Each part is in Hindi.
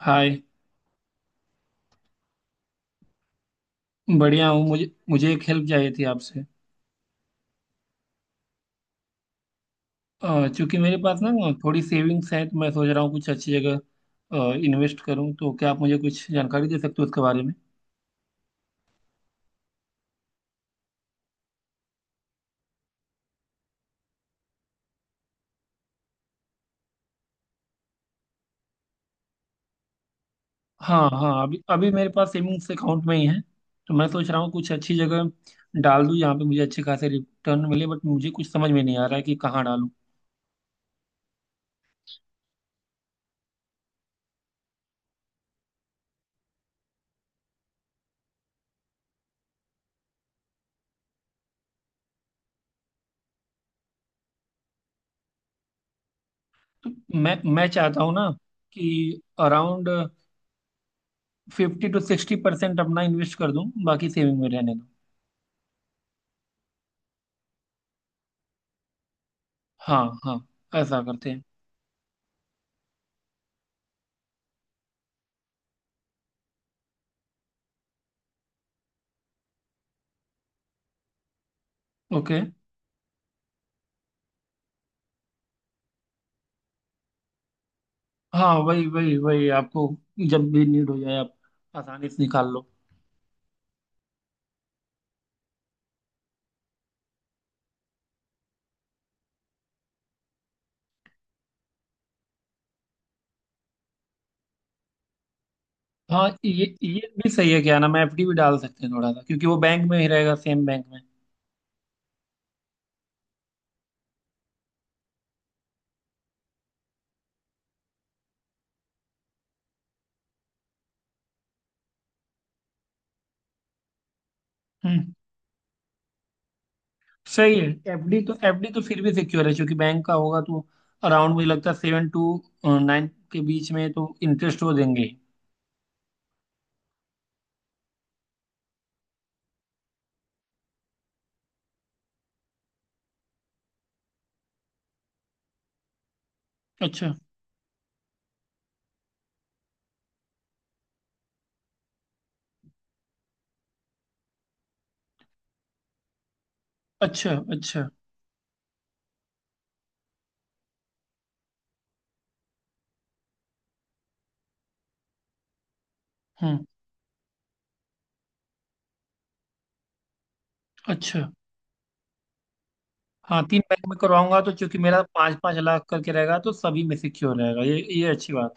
हाय। बढ़िया हूँ। मुझे मुझे एक हेल्प चाहिए थी आपसे। चूंकि मेरे पास ना थोड़ी सेविंग्स है, तो मैं सोच रहा हूँ कुछ अच्छी जगह इन्वेस्ट करूँ। तो क्या आप मुझे कुछ जानकारी दे सकते हो उसके बारे में? हाँ, हाँ। अभी अभी मेरे पास सेविंग्स अकाउंट में ही है। तो मैं सोच रहा हूँ कुछ अच्छी जगह डाल दूँ जहाँ पे मुझे अच्छे खासे रिटर्न मिले, बट मुझे कुछ समझ में नहीं आ रहा है कि कहाँ डालूँ। तो मैं चाहता हूँ ना कि अराउंड 50 से 60% अपना इन्वेस्ट कर दूँ, बाकी सेविंग में रहने दूँ। हाँ, हाँ। ऐसा करते हैं। ओके। हाँ, वही वही वही आपको जब भी नीड हो जाए, आप आसानी से निकाल लो। हाँ, ये भी सही है। क्या नाम है, एफडी भी डाल सकते हैं थोड़ा सा, क्योंकि वो बैंक में ही रहेगा, सेम बैंक में। हम्म। सही है। एफडी तो फिर भी सिक्योर है क्योंकि बैंक का होगा, तो अराउंड मुझे लगता है 7 से 9 के बीच में तो इंटरेस्ट वो देंगे ही। अच्छा। अच्छा। अच्छा। हम्म। अच्छा। हाँ, 3 बैंक में करवाऊंगा, तो क्योंकि मेरा 5-5 लाख करके रहेगा तो सभी में सिक्योर रहेगा। ये अच्छी बात।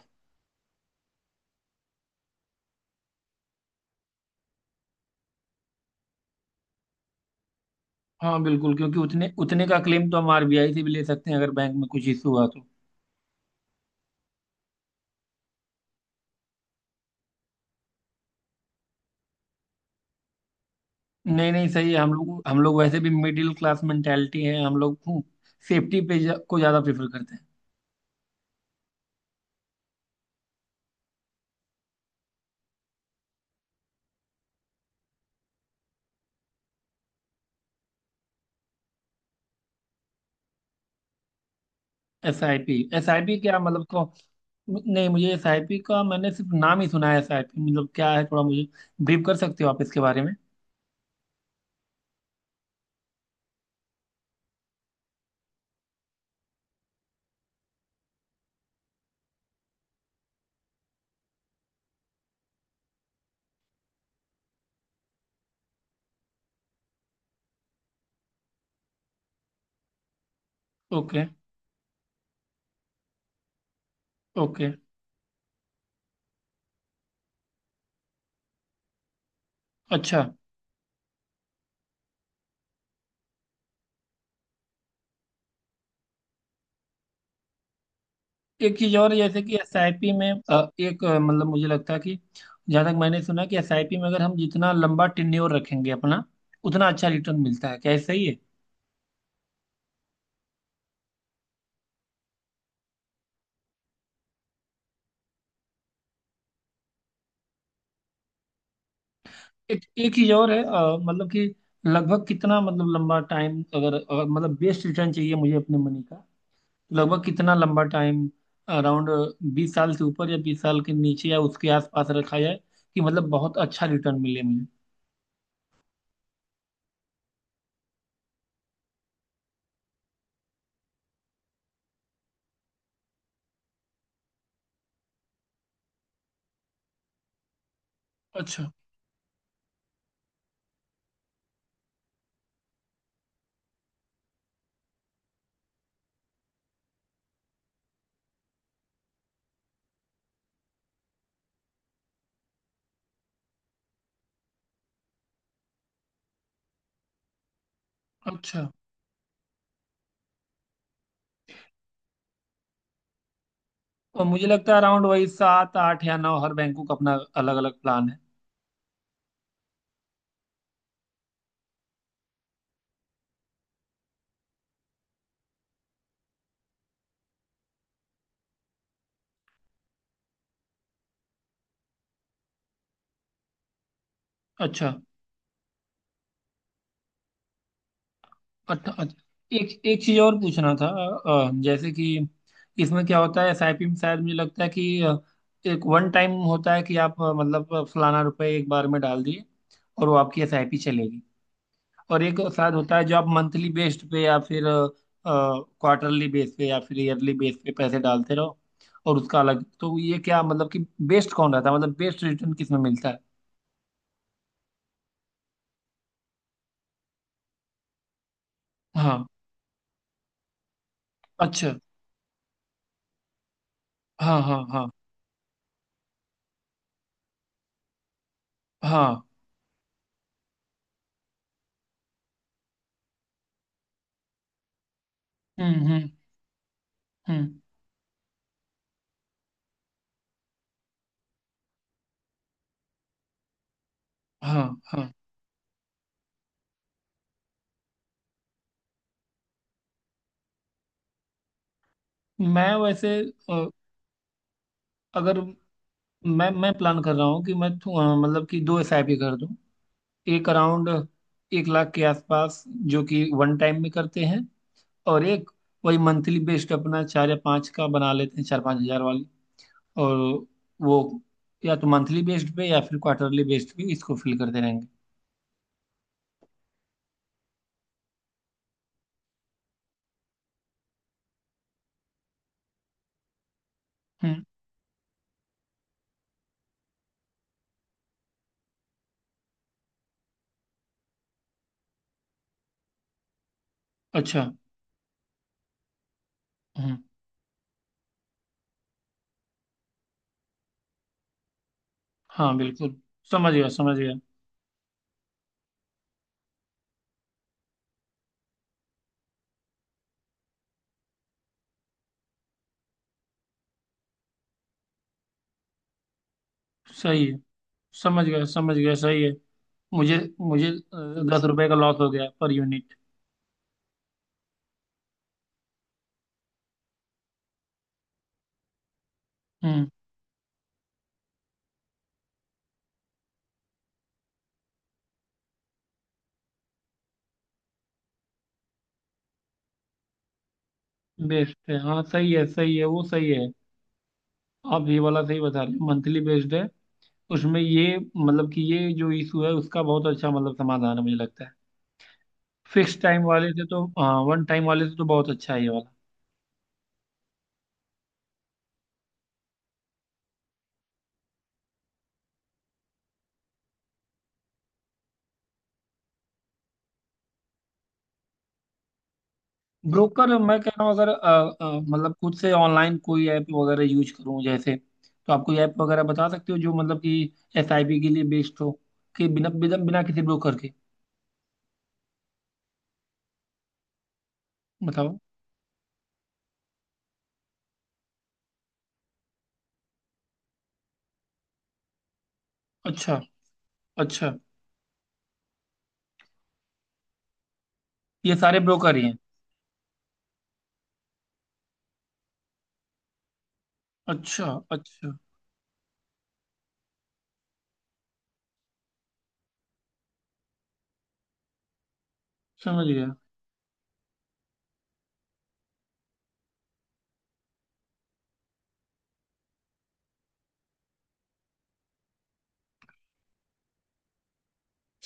हाँ, बिल्कुल। क्योंकि उतने उतने का क्लेम तो हम आरबीआई से भी ले सकते हैं अगर बैंक में कुछ इशू हुआ तो। नहीं, नहीं, सही है। हम लोग वैसे भी मिडिल क्लास मेंटेलिटी है हम लोग। सेफ्टी पे को ज़्यादा प्रेफर करते हैं। एस आई पी क्या मतलब को। नहीं, मुझे एस आई पी का मैंने सिर्फ नाम ही सुना है। एस आई पी मतलब क्या है, थोड़ा मुझे ब्रीफ कर सकते हो आप इसके बारे में? ओके। ओके। अच्छा। एक चीज और, जैसे कि एसआईपी में एक मतलब मुझे लगता है कि जहां तक मैंने सुना कि एसआईपी में अगर हम जितना लंबा टेन्योर रखेंगे अपना, उतना अच्छा रिटर्न मिलता है, क्या ये सही है? एक एक चीज और है। मतलब कि लगभग कितना, मतलब लंबा टाइम, अगर मतलब बेस्ट रिटर्न चाहिए मुझे अपने मनी का, तो लगभग कितना लंबा टाइम अराउंड 20 साल से ऊपर या 20 साल के नीचे या उसके आसपास रखा जाए कि मतलब बहुत अच्छा रिटर्न मिले मुझे? अच्छा। अच्छा। और मुझे लगता है अराउंड वही 7, 8 या 9, हर बैंकों का अपना अलग अलग प्लान है। अच्छा। अच्छा। अच्छा। एक एक चीज और पूछना था। जैसे कि इसमें क्या होता है एसआईपी में, शायद मुझे लगता है कि एक वन टाइम होता है कि आप मतलब फलाना रुपए एक बार में डाल दिए और वो आपकी एसआईपी चलेगी। और एक शायद होता है जो आप मंथली बेस्ड पे या फिर क्वार्टरली बेस पे या फिर ईयरली बेस पे पैसे डालते रहो। और उसका अलग, तो ये क्या मतलब कि बेस्ट कौन रहता है, मतलब बेस्ट रिटर्न किसमें मिलता है? हाँ। अच्छा। हाँ, हाँ, हाँ। हाँ। हम्म। हम्म। हम्म। हाँ, हाँ। मैं वैसे, अ, अगर मैं प्लान कर रहा हूँ कि मैं मतलब कि 2 एसआईपी कर दूँ। एक अराउंड 1 लाख के आसपास, जो कि वन टाइम में करते हैं, और एक वही मंथली बेस्ड अपना चार या पाँच का बना लेते हैं, 4-5 हजार वाली। और वो या तो मंथली बेस्ड पे या फिर क्वार्टरली बेस्ड पे इसको फिल करते रहेंगे। हम्म। अच्छा। हम्म। हाँ, बिल्कुल। समझ गया, समझ गया, सही है। समझ गया, समझ गया, सही है। मुझे मुझे 10 रुपए का लॉस हो गया पर यूनिट। हम्म। बेस्ड है, हाँ, सही है, सही है, वो सही है। आप ये वाला सही बता रहे हो, मंथली बेस्ड है। उसमें ये मतलब कि ये जो इशू है उसका बहुत अच्छा मतलब समाधान है, मुझे लगता है। फिक्स टाइम वाले से तो हाँ, वन टाइम वाले से तो बहुत अच्छा है ये वाला। ब्रोकर, मैं कह रहा हूँ अगर मतलब खुद से ऑनलाइन कोई ऐप वगैरह यूज करूँ जैसे, तो आप कोई ऐप वगैरह बता सकते हो जो मतलब कि एसआईपी के लिए बेस्ड हो, कि बिना बिना बिना किसी ब्रोकर के? बताओ। अच्छा। अच्छा। ये सारे ब्रोकर ही हैं। अच्छा। अच्छा। समझ गया।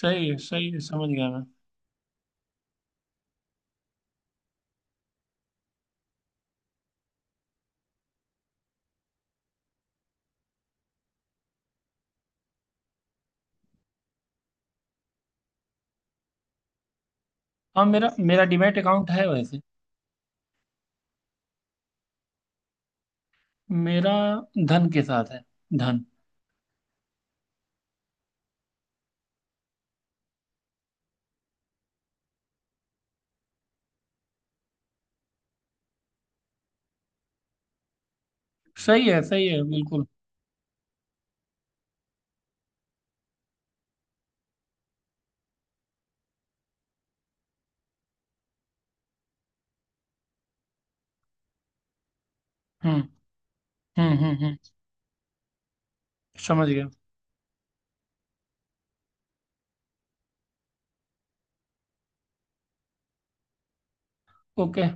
सही है, सही है, समझ गया मैं। हाँ, मेरा मेरा डीमैट अकाउंट है वैसे। मेरा धन के साथ है। धन। सही है, सही है, बिल्कुल। हम्म। हम्म। हम्म। हम्म। समझ गया। ओके।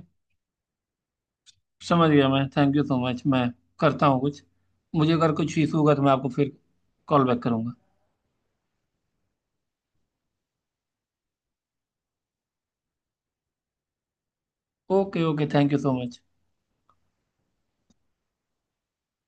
समझ गया मैं। Thank you so much. मैं करता हूँ कुछ। मुझे अगर कुछ इशू होगा तो मैं आपको फिर कॉल बैक करूँगा। Okay. Okay. Thank you so much.